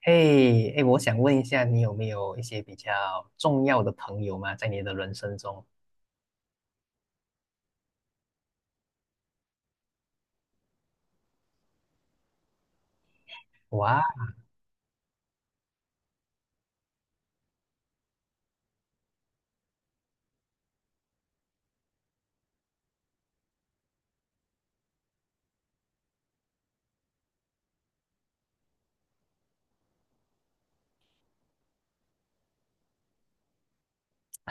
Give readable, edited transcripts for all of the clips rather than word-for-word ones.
嘿，哎，我想问一下，你有没有一些比较重要的朋友吗？在你的人生中？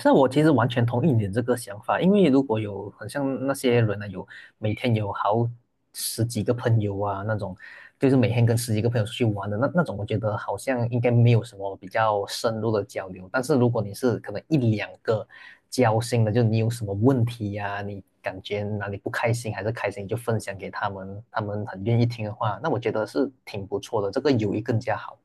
那我其实完全同意你的这个想法。因为如果有很像那些人呢，有每天有好十几个朋友啊，那种就是每天跟十几个朋友出去玩的那种，我觉得好像应该没有什么比较深入的交流。但是如果你是可能一两个交心的，就你有什么问题呀、你感觉哪里不开心还是开心，你就分享给他们，他们很愿意听的话，那我觉得是挺不错的，这个友谊更加好。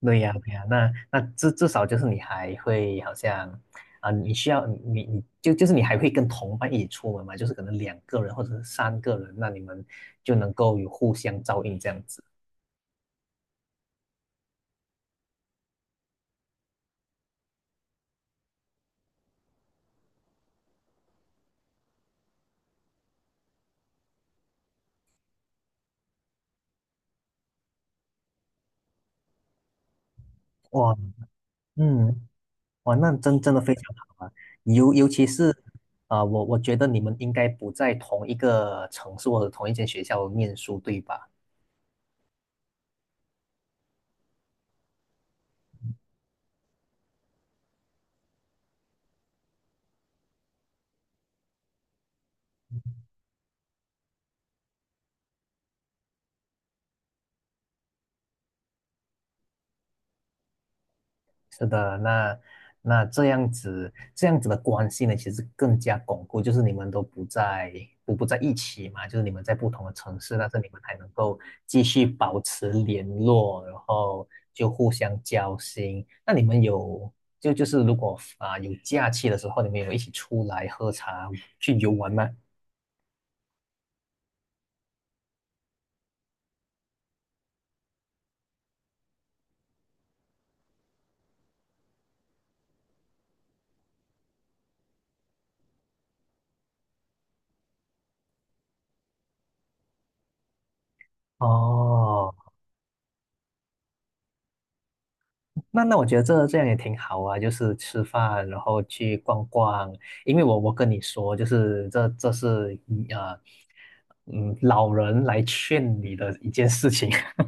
对呀，对呀，那至少就是你还会好像啊，你需要你就是你还会跟同伴一起出门嘛，就是可能2个人或者是3个人，那你们就能够有互相照应这样子。哇，嗯，哇，那真的非常好啊，尤其是啊，我觉得你们应该不在同一个城市或者同一间学校念书，对吧？是的，那这样子，这样子的关系呢，其实更加巩固，就是你们都不在不在一起嘛，就是你们在不同的城市，但是你们还能够继续保持联络，然后就互相交心。那你们有就是如果啊、有假期的时候，你们有一起出来喝茶去游玩吗？哦，那我觉得这样也挺好啊，就是吃饭，然后去逛逛。因为我跟你说，就是这是老人来劝你的一件事情。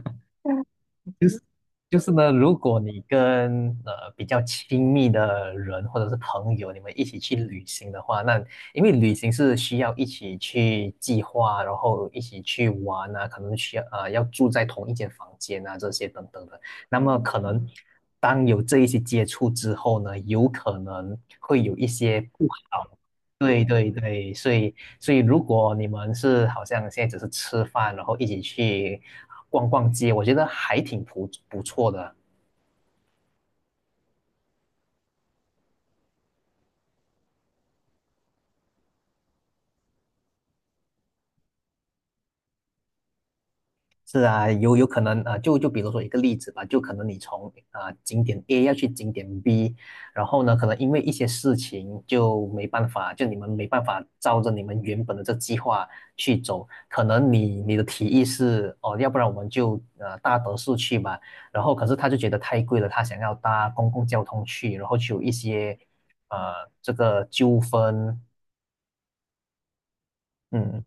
就是呢，如果你跟比较亲密的人或者是朋友，你们一起去旅行的话，那因为旅行是需要一起去计划，然后一起去玩啊，可能需要要住在同一间房间啊，这些等等的。那么可能当有这一些接触之后呢，有可能会有一些不好。对对对，所以如果你们是好像现在只是吃饭，然后一起去逛逛街，我觉得还挺不错的。是啊，有可能啊、就比如说一个例子吧，就可能你从啊、景点 A 要去景点 B，然后呢，可能因为一些事情就没办法，就你们没办法照着你们原本的这计划去走，可能你的提议是哦，要不然我们就搭德士去吧。然后可是他就觉得太贵了，他想要搭公共交通去，然后就有一些呃这个纠纷。嗯。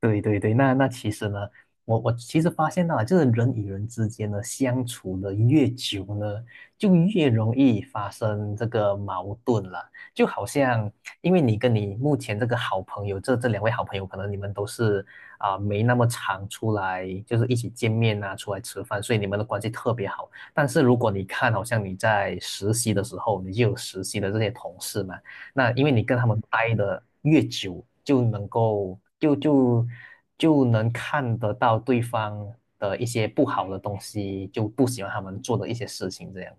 对对对，那其实呢，我其实发现到了，就是人与人之间呢相处的越久呢，就越容易发生这个矛盾了。就好像，因为你跟你目前这个好朋友，这两位好朋友，可能你们都是啊、没那么常出来，就是一起见面啊，出来吃饭，所以你们的关系特别好。但是如果你看，好像你在实习的时候，你就有实习的这些同事嘛。那因为你跟他们待的越久，就能够就能看得到对方的一些不好的东西，就不喜欢他们做的一些事情，这样。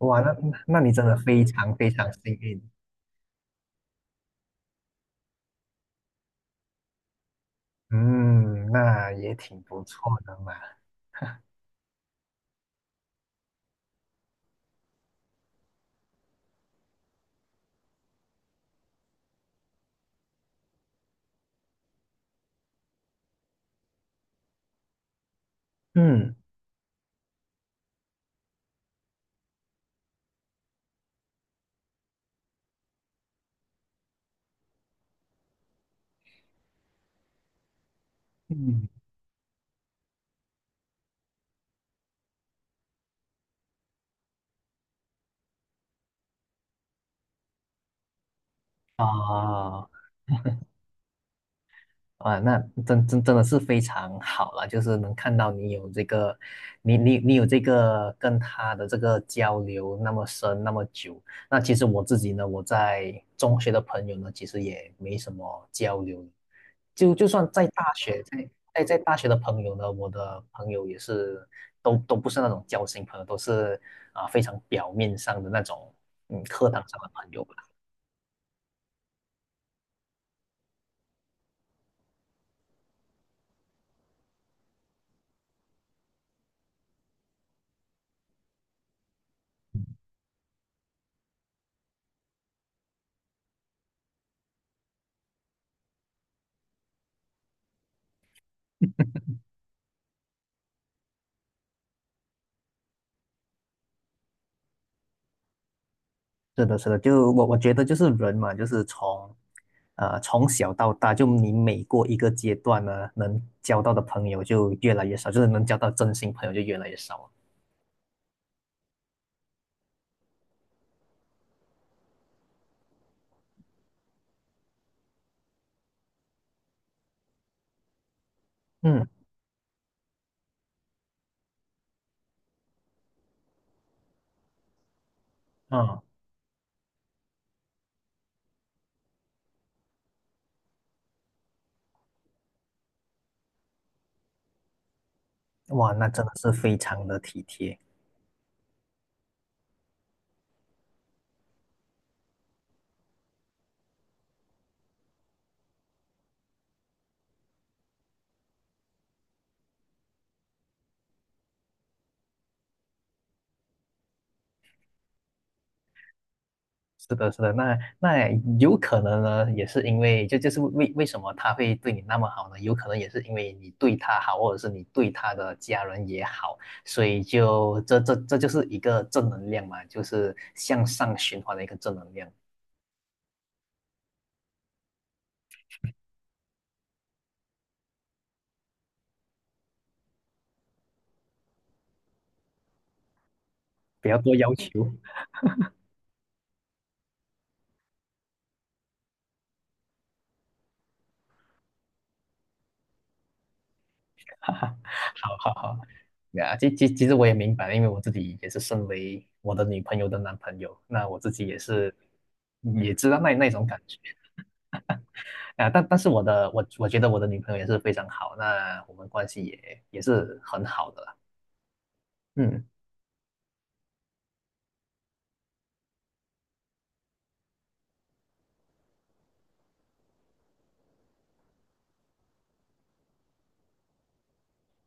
哇，那你真的非常非常幸运。嗯，那也挺不错的嘛。嗯嗯，啊，啊，那真的是非常好了，就是能看到你有这个，你有这个跟他的这个交流那么深那么久。那其实我自己呢，我在中学的朋友呢，其实也没什么交流，就算在大学，在大学的朋友呢，我的朋友也是都不是那种交心朋友，都是啊、非常表面上的那种，嗯，课堂上的朋友。是的，是的，就我觉得就是人嘛，就是从从小到大，就你每过一个阶段呢，能交到的朋友就越来越少，就是能交到真心朋友就越来越少了。嗯嗯，哇，那真的是非常的体贴。是的，是的，那有可能呢，也是因为就是为什么他会对你那么好呢？有可能也是因为你对他好，或者是你对他的家人也好，所以就这就是一个正能量嘛，就是向上循环的一个正能量。不要多要求。哈哈，好好好，呀，其实我也明白，因为我自己也是身为我的女朋友的男朋友，那我自己也是也知道那种感觉啊，但是我觉得我的女朋友也是非常好，那我们关系也是很好的啦。嗯。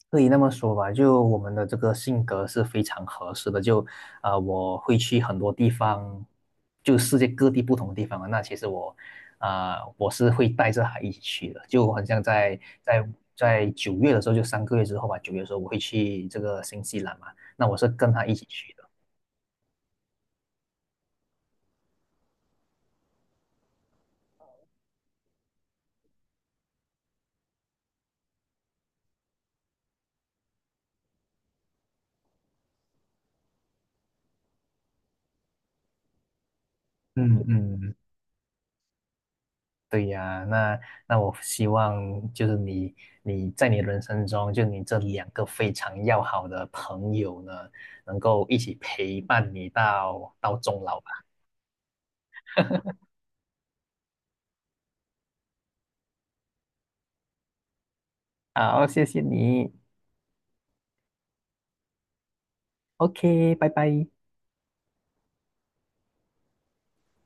可以那么说吧，就我们的这个性格是非常合适的。就，我会去很多地方，就世界各地不同的地方啊。那其实我，啊、我是会带着他一起去的。就很像在九月的时候，就3个月之后吧，九月的时候我会去这个新西兰嘛。那我是跟他一起去的。嗯嗯，对呀，那我希望就是你在你人生中，就你这两个非常要好的朋友呢，能够一起陪伴你到终老吧。好，谢谢你，OK，拜拜。